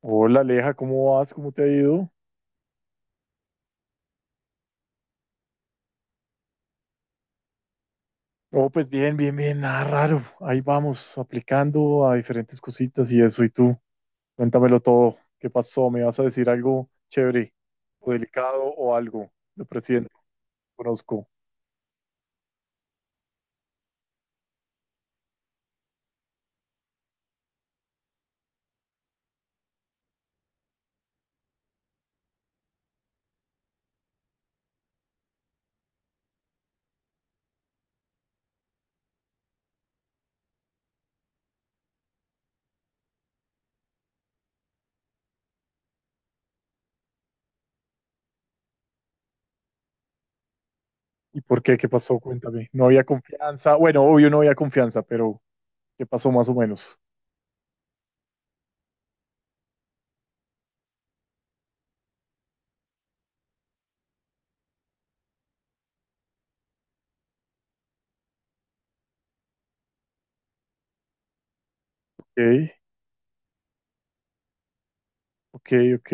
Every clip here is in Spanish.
Hola Aleja, ¿cómo vas? ¿Cómo te ha ido? Oh, pues bien, bien, bien, nada raro. Ahí vamos, aplicando a diferentes cositas y eso. ¿Y tú? Cuéntamelo todo. ¿Qué pasó? ¿Me vas a decir algo chévere o delicado o algo del presidente que conozco? ¿Y por qué? ¿Qué pasó? Cuéntame. No había confianza. Bueno, obvio no había confianza, pero ¿qué pasó más o menos? Ok, ok, ok.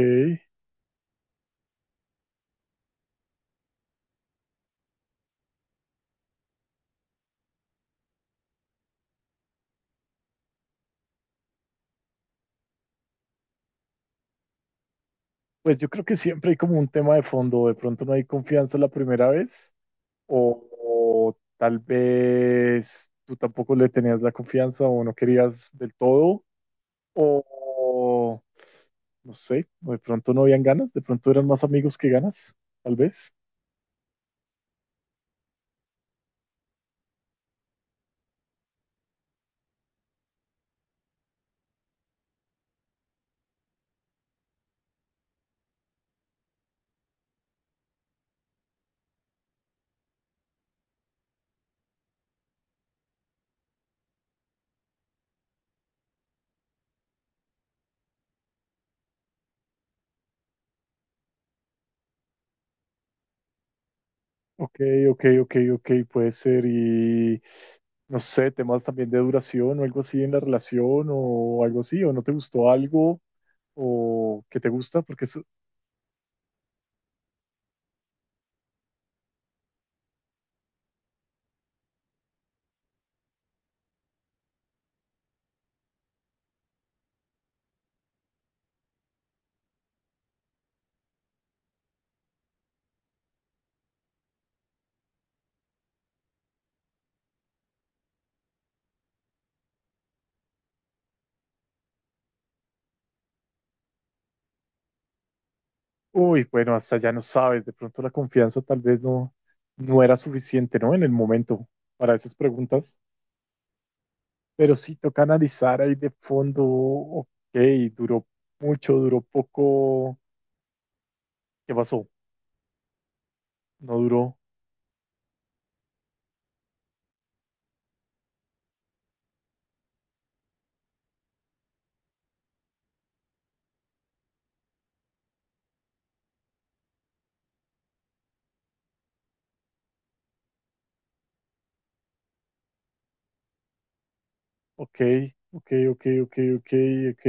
Pues yo creo que siempre hay como un tema de fondo. De pronto no hay confianza la primera vez o tal vez tú tampoco le tenías la confianza o no querías del todo, o, o no sé, o de pronto no habían ganas, de pronto eran más amigos que ganas, tal vez. Ok, ok, ok, ok, puede ser. Y no sé, temas también de duración o algo así en la relación o algo así, o no te gustó algo o que te gusta, porque es- Uy, bueno, hasta ya no sabes, de pronto la confianza tal vez no, no era suficiente, ¿no? En el momento para esas preguntas, pero sí toca analizar ahí de fondo, ok, duró mucho, duró poco, ¿qué pasó? No duró, ok, ok, ok, ok, ok, ok.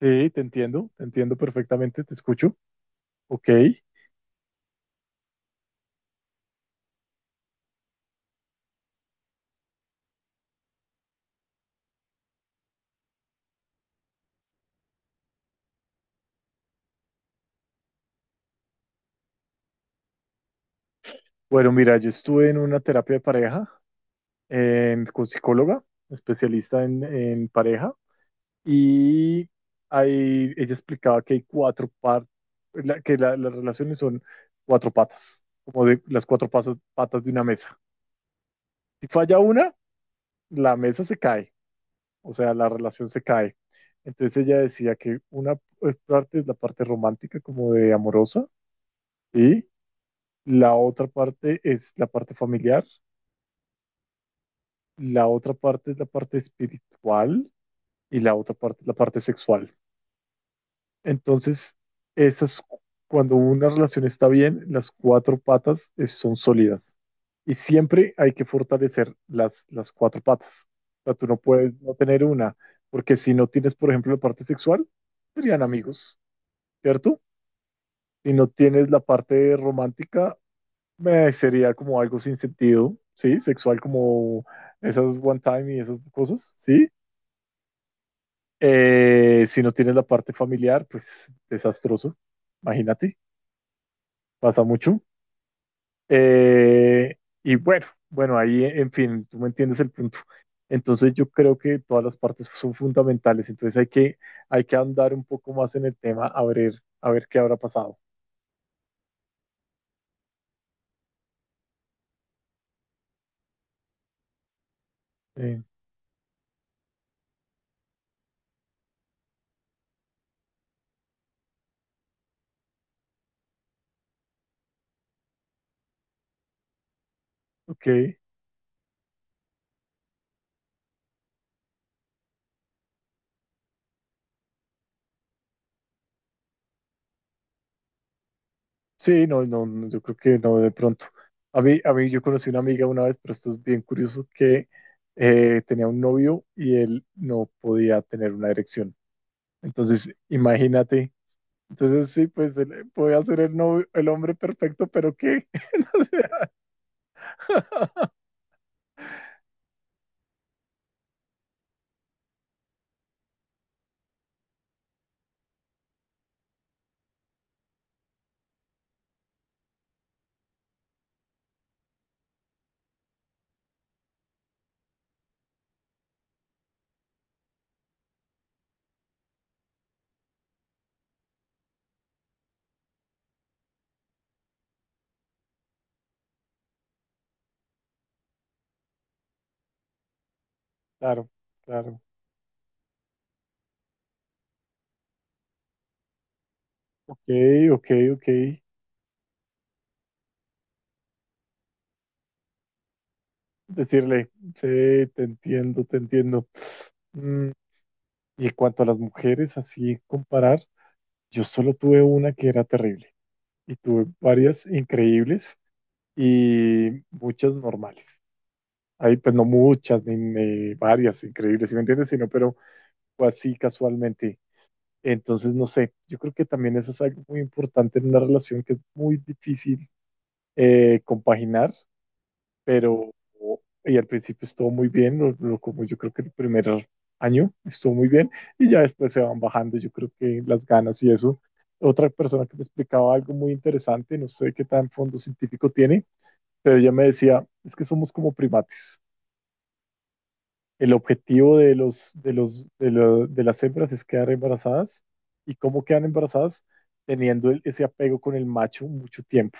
Sí, te entiendo perfectamente, te escucho, ok. Bueno, mira, yo estuve en una terapia de pareja en- con psicóloga, especialista en pareja. Y ahí ella explicaba que hay cuatro partes, que la- las relaciones son cuatro patas, como de las cuatro pasas- patas de una mesa. Si falla una, la mesa se cae, o sea, la relación se cae. Entonces ella decía que una parte es la parte romántica, como de amorosa, y la otra parte es la parte familiar, la otra parte es la parte espiritual y la otra parte es la parte sexual. Entonces, esas, cuando una relación está bien, las cuatro patas es- son sólidas. Y siempre hay que fortalecer las cuatro patas. O sea, tú no puedes no tener una, porque si no tienes, por ejemplo, la parte sexual, serían amigos, ¿cierto? Si no tienes la parte romántica, sería como algo sin sentido, ¿sí? Sexual como esas one time y esas cosas, ¿sí? Si no tienes la parte familiar, pues desastroso, imagínate. Pasa mucho. Y bueno, bueno, ahí, en fin, tú me entiendes el punto. Entonces yo creo que todas las partes son fundamentales, entonces hay que andar un poco más en el tema a ver qué habrá pasado. Eh, ok, sí, no, no, no, yo creo que no de pronto. A mí yo conocí una amiga una vez, pero esto es bien curioso, que tenía un novio y él no podía tener una erección. Entonces, imagínate. Entonces sí, pues él podía ser el, novio- el hombre perfecto, pero ¿qué? No sé. Claro, claro. Ok, ok, ok. Decirle, sí, te entiendo, te entiendo. Mm, y en cuanto a las mujeres, así comparar, yo solo tuve una que era terrible y tuve varias increíbles y muchas normales. Ahí pues no muchas, ni, ni varias increíbles, ¿si me entiendes? Sino, pero fue así casualmente. Entonces, no sé, yo creo que también eso es algo muy importante en una relación que es muy difícil compaginar, pero y al principio estuvo muy bien, lo- como yo creo que el primer año estuvo muy bien, y ya después se van bajando, yo creo que las ganas y eso. Otra persona que me explicaba algo muy interesante, no sé qué tan fondo científico tiene, pero ella me decía, es que somos como primates. El objetivo de los, de los, de lo- de las hembras es quedar embarazadas. ¿Y cómo quedan embarazadas? Teniendo el- ese apego con el macho mucho tiempo,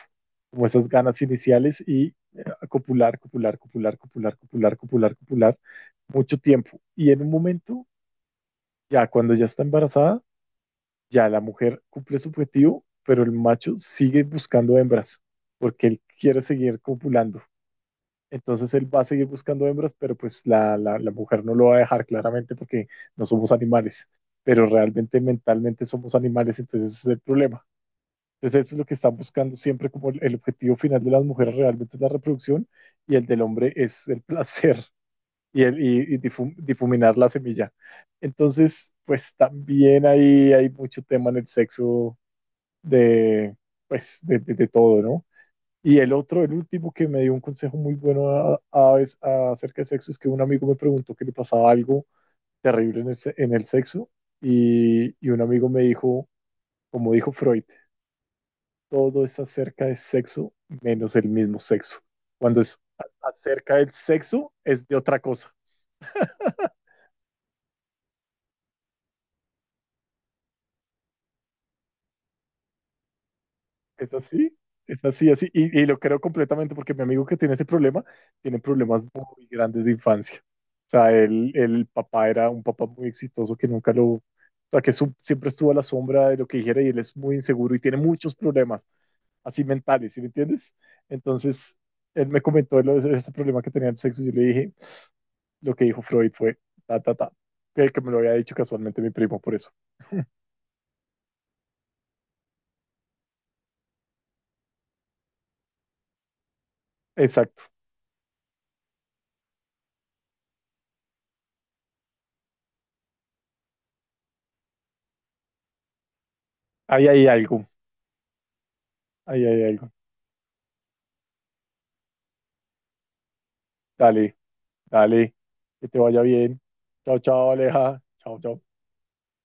como esas ganas iniciales y copular, copular, copular, copular, copular, copular, copular, mucho tiempo. Y en un momento, ya cuando ya está embarazada, ya la mujer cumple su objetivo, pero el macho sigue buscando hembras, porque él quiere seguir copulando. Entonces él va a seguir buscando hembras, pero pues la mujer no lo va a dejar claramente porque no somos animales, pero realmente mentalmente somos animales, entonces ese es el problema. Entonces eso es lo que están buscando siempre como el objetivo final de las mujeres realmente es la reproducción y el del hombre es el placer y, el, y difum- difuminar la semilla. Entonces, pues también ahí hay mucho tema en el sexo de, pues, de todo, ¿no? Y el otro, el último que me dio un consejo muy bueno a- vez- a- acerca de sexo es que un amigo me preguntó que le pasaba algo terrible en el, se- en el sexo y un amigo me dijo, como dijo Freud, todo es acerca de sexo menos el mismo sexo. Cuando es a- acerca del sexo es de otra cosa. Es así, es así, así. Y lo creo completamente porque mi amigo que tiene ese problema tiene problemas muy grandes de infancia. O sea, él, el papá era un papá muy exitoso que nunca lo, o sea, que su- siempre estuvo a la sombra de lo que dijera y él es muy inseguro y tiene muchos problemas, así mentales, ¿sí me entiendes? Entonces, él me comentó lo de ese problema que tenía el sexo y yo le dije, lo que dijo Freud fue, ta, ta, ta, que me lo había dicho casualmente mi primo, por eso. Exacto, ahí hay algo, ahí hay algo. Dale. Dale, que te vaya bien. Chao, chao, Aleja. Chao, chao.